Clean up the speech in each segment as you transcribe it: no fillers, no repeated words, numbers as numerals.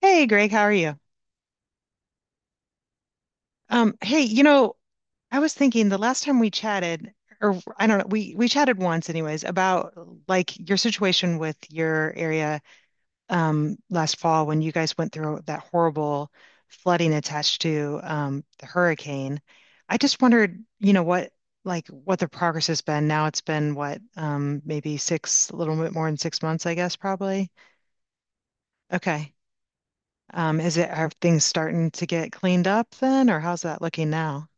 Hey Greg, how are you? Hey, I was thinking the last time we chatted, or I don't know, we chatted once anyways about like your situation with your area last fall when you guys went through that horrible flooding attached to the hurricane. I just wondered, what the progress has been. Now it's been what, maybe six, a little bit more than 6 months, I guess, probably. Okay. Is it are things starting to get cleaned up then, or how's that looking now?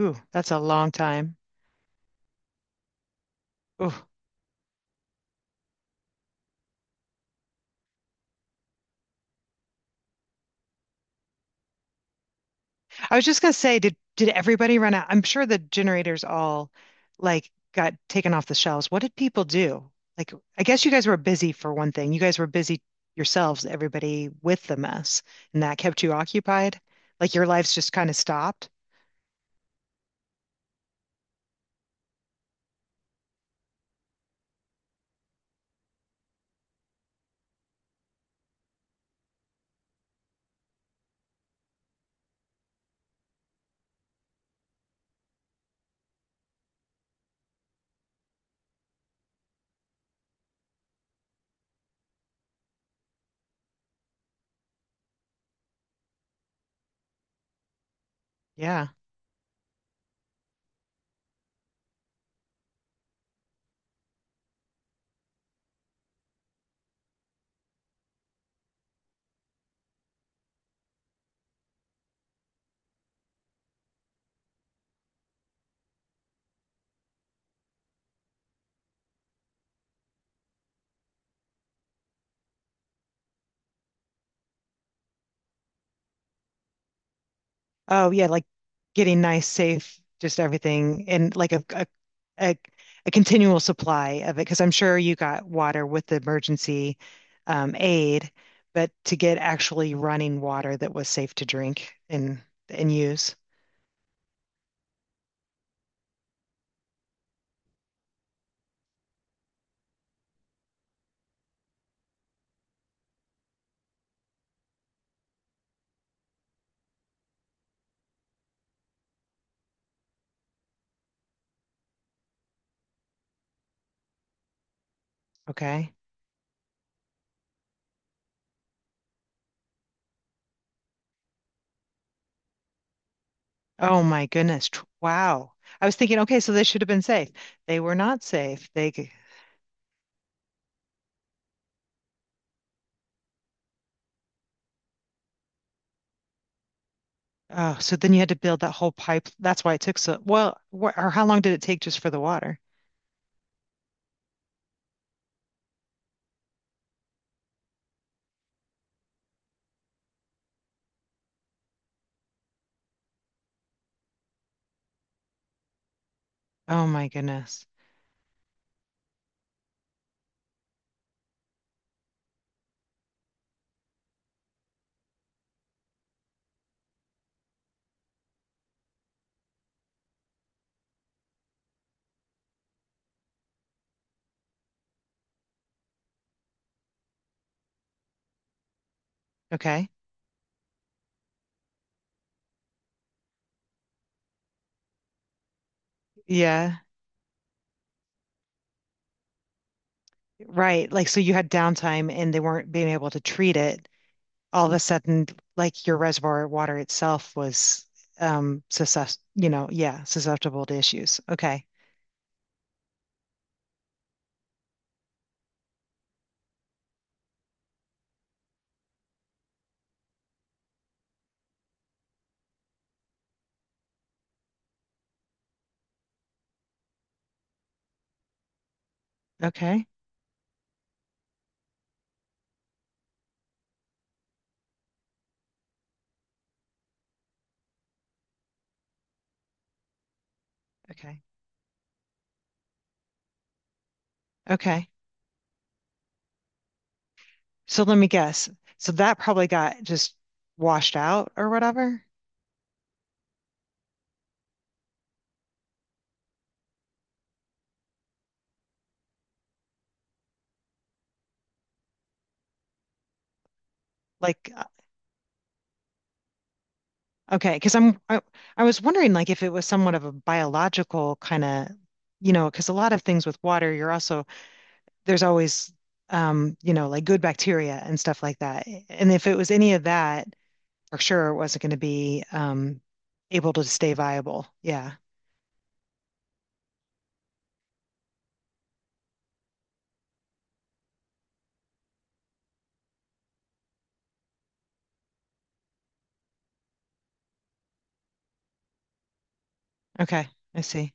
Ooh, that's a long time. Ooh. I was just gonna say, did everybody run out? I'm sure the generators all like got taken off the shelves. What did people do? Like, I guess you guys were busy for one thing. You guys were busy yourselves, everybody with the mess, and that kept you occupied. Like your lives just kind of stopped. Yeah. Oh yeah, like getting nice, safe, just everything, and like a, a continual supply of it. Because I'm sure you got water with the emergency aid, but to get actually running water that was safe to drink and use. Okay. Oh my goodness. Wow. I was thinking, okay, so they should have been safe. They were not safe. They. Oh, so then you had to build that whole pipe. That's why it took so, well, wh or how long did it take just for the water? Oh my goodness. Okay. Yeah. Right. Like, so you had downtime and they weren't being able to treat it. All of a sudden, like your reservoir water itself was yeah, susceptible to issues. Okay. Okay. Okay. Okay. So let me guess. So that probably got just washed out or whatever. Like, okay, because I was wondering like if it was somewhat of a biological kind of, because a lot of things with water, you're also there's always like good bacteria and stuff like that. And if it was any of that, for sure it wasn't going to be able to stay viable. Yeah. Okay. I see.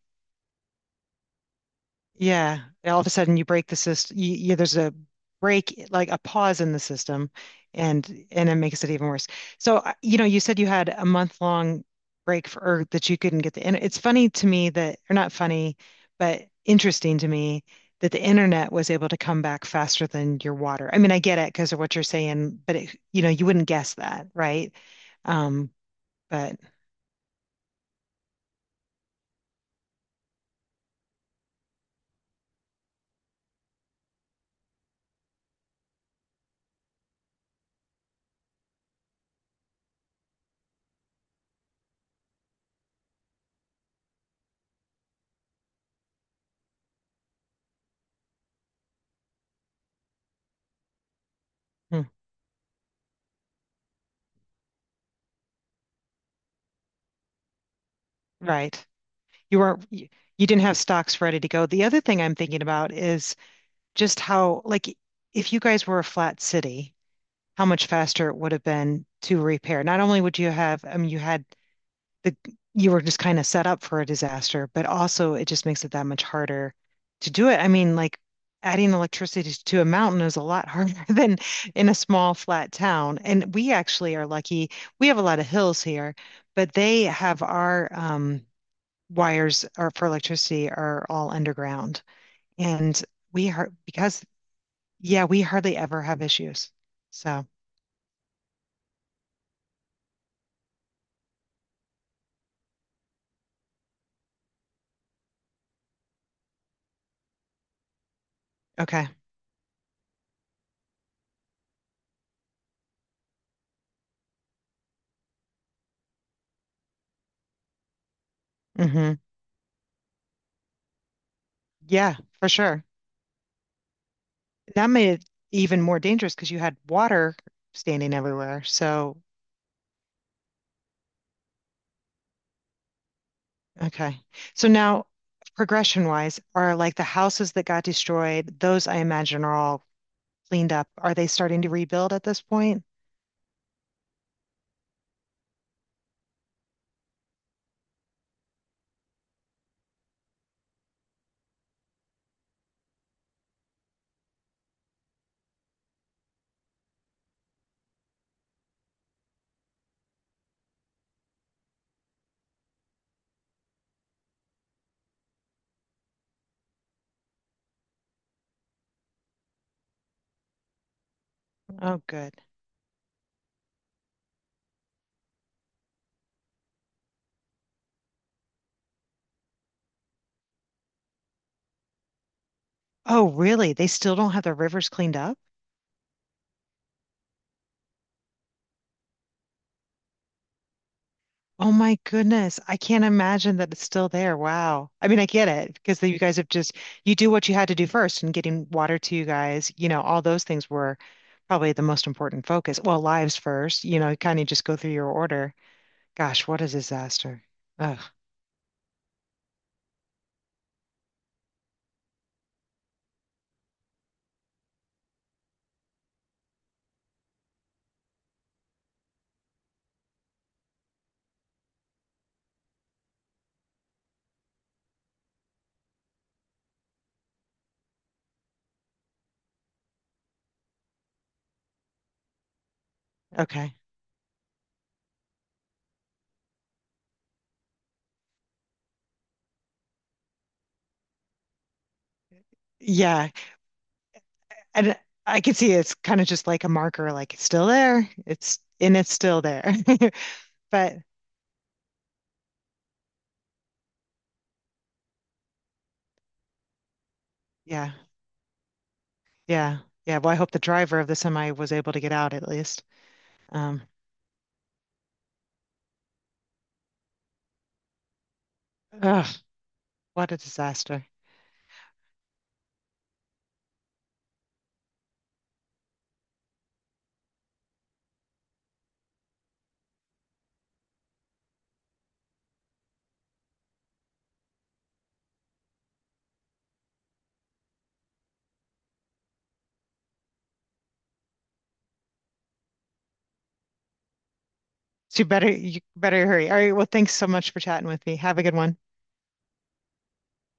Yeah, and all of a sudden you break the system. There's a break, like a pause in the system, and it makes it even worse. So, you said you had a month long break for or that you couldn't get the internet. It's funny to me that, or not funny, but interesting to me that the internet was able to come back faster than your water. I mean, I get it because of what you're saying, but you wouldn't guess that, right? Um, but hmm, right, you weren't. You didn't have stocks ready to go. The other thing I'm thinking about is just how, like, if you guys were a flat city, how much faster it would have been to repair. Not only would you have, I mean, you had the, you were just kind of set up for a disaster, but also it just makes it that much harder to do it. I mean, like, adding electricity to a mountain is a lot harder than in a small, flat town. And we actually are lucky. We have a lot of hills here, but they have wires are for electricity are all underground, and we are because yeah, we hardly ever have issues. So, okay. Hmm. Yeah, for sure. That made it even more dangerous because you had water standing everywhere. So, okay. So now, progression wise, are like the houses that got destroyed, those I imagine are all cleaned up. Are they starting to rebuild at this point? Oh, good. Oh, really? They still don't have the rivers cleaned up? Oh my goodness. I can't imagine that it's still there. Wow. I mean, I get it because you guys have just, you do what you had to do first and getting water to you guys, all those things were probably the most important focus. Well, lives first, kind of just go through your order. Gosh, what a disaster. Oh, okay. Yeah. And I can see it's kind of just like a marker, like it's still there. And it's still there. But yeah, yeah, yeah. Well, I hope the driver of the semi was able to get out at least. Um, ugh. What a disaster. So you better hurry. All right, well, thanks so much for chatting with me. Have a good one.